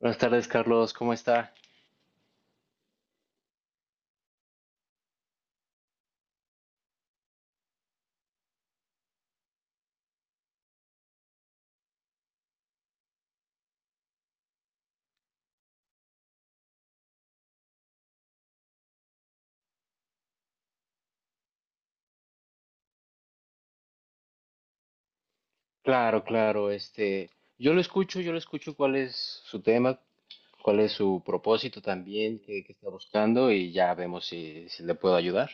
Buenas tardes, Carlos, ¿cómo está? Claro, claro, yo lo escucho cuál es su tema, cuál es su propósito también, qué está buscando y ya vemos si le puedo ayudar.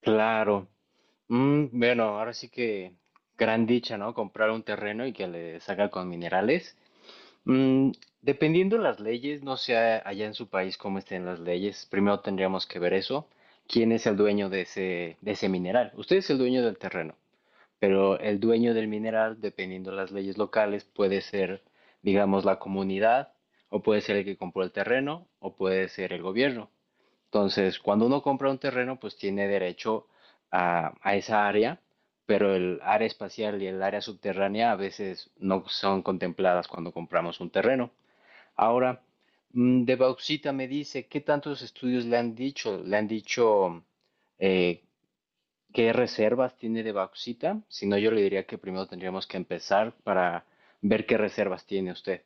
Claro, bueno, ahora sí que gran dicha, ¿no? Comprar un terreno y que le saca con minerales. Mm, dependiendo las leyes, no sé allá en su país cómo estén las leyes, primero tendríamos que ver eso, quién es el dueño de ese mineral. Usted es el dueño del terreno, pero el dueño del mineral, dependiendo de las leyes locales, puede ser, digamos, la comunidad, o puede ser el que compró el terreno, o puede ser el gobierno. Entonces, cuando uno compra un terreno, pues tiene derecho a esa área, pero el área espacial y el área subterránea a veces no son contempladas cuando compramos un terreno. Ahora, de bauxita me dice, ¿qué tantos estudios le han dicho? Le han dicho eh, qué reservas tiene de bauxita. Si no, yo le diría que primero tendríamos que empezar para ver qué reservas tiene usted.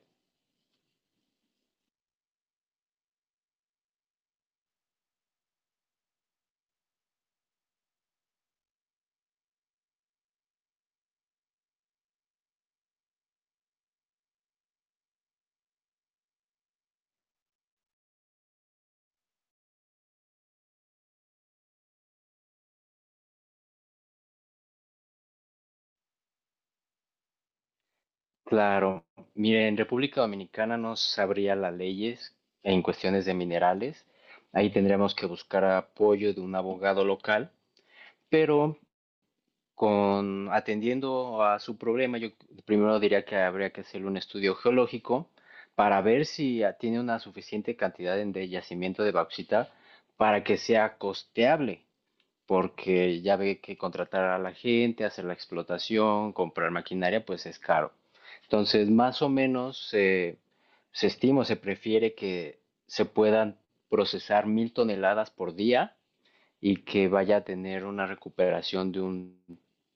Claro, mire, en República Dominicana no sabría las leyes en cuestiones de minerales. Ahí tendríamos que buscar apoyo de un abogado local, pero con atendiendo a su problema, yo primero diría que habría que hacer un estudio geológico para ver si tiene una suficiente cantidad de yacimiento de bauxita para que sea costeable, porque ya ve que contratar a la gente, hacer la explotación, comprar maquinaria, pues es caro. Entonces, más o menos se estima, o se prefiere que se puedan procesar 1.000 toneladas por día y que vaya a tener una recuperación de un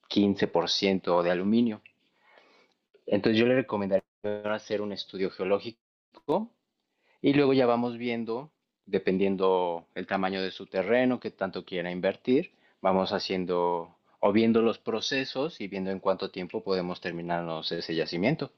15% de aluminio. Entonces yo le recomendaría hacer un estudio geológico y luego ya vamos viendo, dependiendo el tamaño de su terreno, que tanto quiera invertir, vamos haciendo o viendo los procesos y viendo en cuánto tiempo podemos terminarnos ese yacimiento.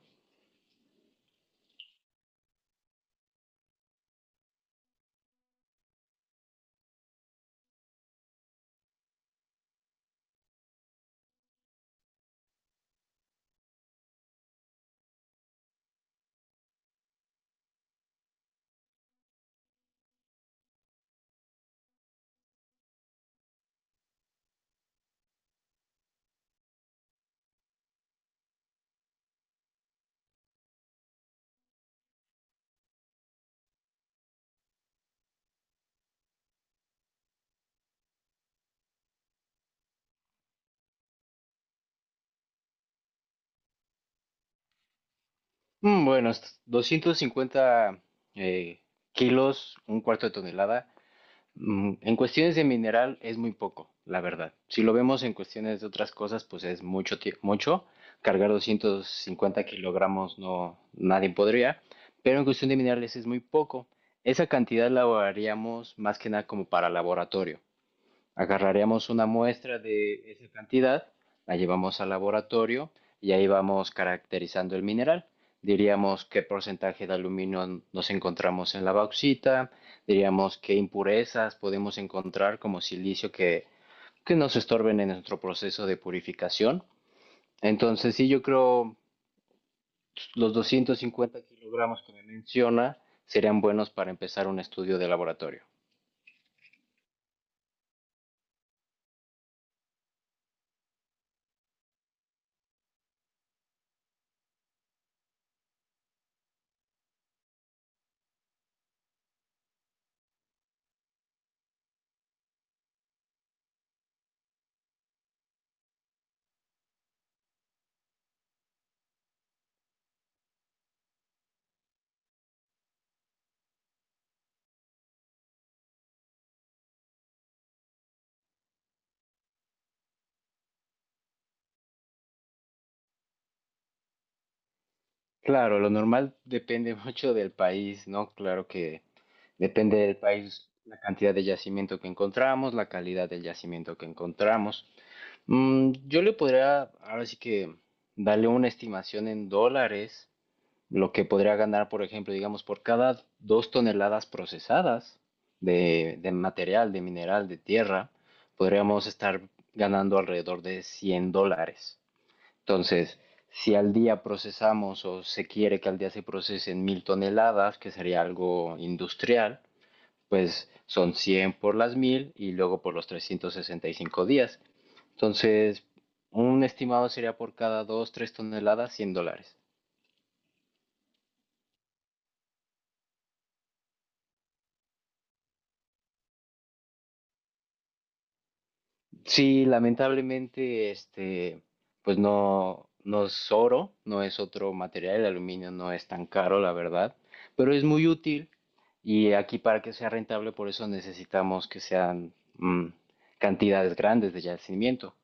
Bueno, 250 eh, kilos, un cuarto de tonelada. En cuestiones de mineral es muy poco, la verdad. Si lo vemos en cuestiones de otras cosas, pues es mucho, mucho. Cargar 250 kilogramos no, nadie podría, pero en cuestión de minerales es muy poco. Esa cantidad la haríamos más que nada como para laboratorio. Agarraríamos una muestra de esa cantidad, la llevamos al laboratorio y ahí vamos caracterizando el mineral. Diríamos qué porcentaje de aluminio nos encontramos en la bauxita, diríamos qué impurezas podemos encontrar, como silicio, que nos estorben en nuestro proceso de purificación. Entonces, sí, yo creo los 250 kilogramos que me menciona serían buenos para empezar un estudio de laboratorio. Claro, lo normal depende mucho del país, ¿no? Claro que depende del país, la cantidad de yacimiento que encontramos, la calidad del yacimiento que encontramos. Yo le podría, ahora sí que, darle una estimación en dólares, lo que podría ganar, por ejemplo, digamos, por cada 2 toneladas procesadas de material, de mineral, de tierra, podríamos estar ganando alrededor de $100. Entonces, si al día procesamos o se quiere que al día se procesen 1.000 toneladas, que sería algo industrial, pues son 100 por las 1000 y luego por los 365 días. Entonces, un estimado sería por cada 2, 3 toneladas $100. Sí, lamentablemente, este, pues no, no es oro, no es otro material, el aluminio no es tan caro, la verdad, pero es muy útil, y aquí para que sea rentable, por eso necesitamos que sean mm, cantidades grandes de yacimiento.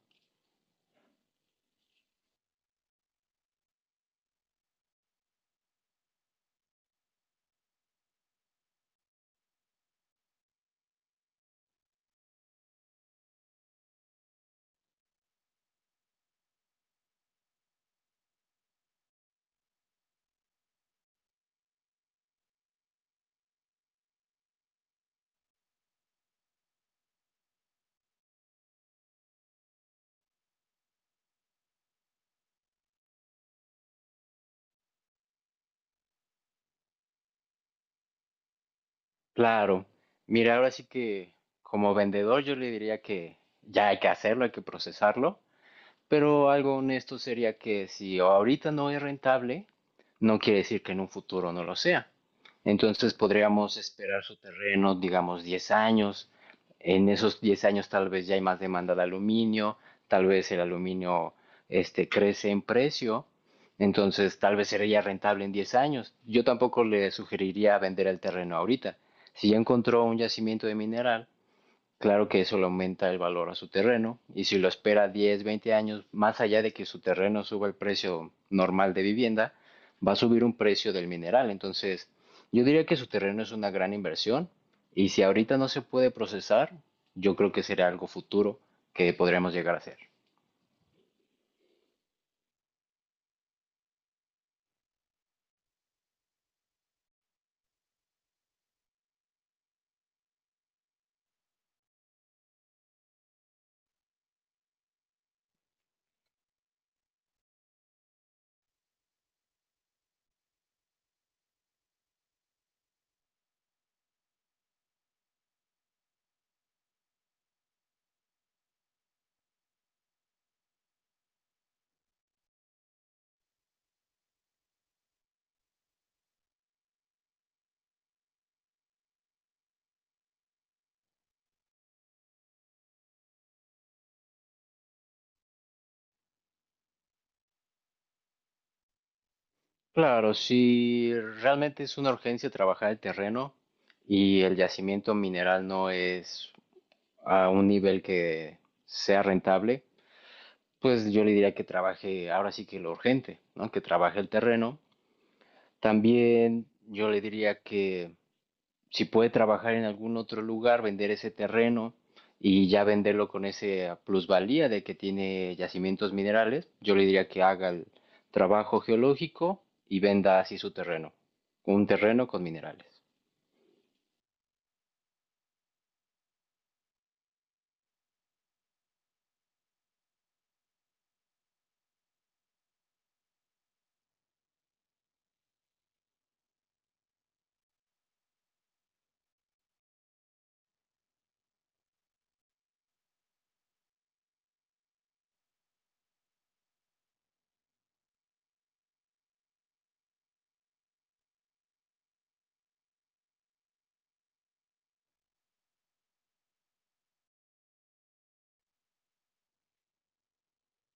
Claro, mira, ahora sí que como vendedor yo le diría que ya hay que hacerlo, hay que procesarlo, pero algo honesto sería que si ahorita no es rentable, no quiere decir que en un futuro no lo sea. Entonces podríamos esperar su terreno, digamos, 10 años. En esos 10 años tal vez ya hay más demanda de aluminio, tal vez el aluminio crece en precio, entonces tal vez sería rentable en 10 años. Yo tampoco le sugeriría vender el terreno ahorita. Si ya encontró un yacimiento de mineral, claro que eso le aumenta el valor a su terreno, y si lo espera 10, 20 años, más allá de que su terreno suba el precio normal de vivienda, va a subir un precio del mineral. Entonces, yo diría que su terreno es una gran inversión, y si ahorita no se puede procesar, yo creo que será algo futuro que podremos llegar a hacer. Claro, si realmente es una urgencia trabajar el terreno y el yacimiento mineral no es a un nivel que sea rentable, pues yo le diría que trabaje, ahora sí que lo urgente, ¿no? Que trabaje el terreno. También yo le diría que si puede trabajar en algún otro lugar, vender ese terreno y ya venderlo con esa plusvalía de que tiene yacimientos minerales, yo le diría que haga el trabajo geológico y venda así su terreno, un terreno con minerales.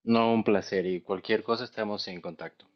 No, un placer, y cualquier cosa estamos en contacto.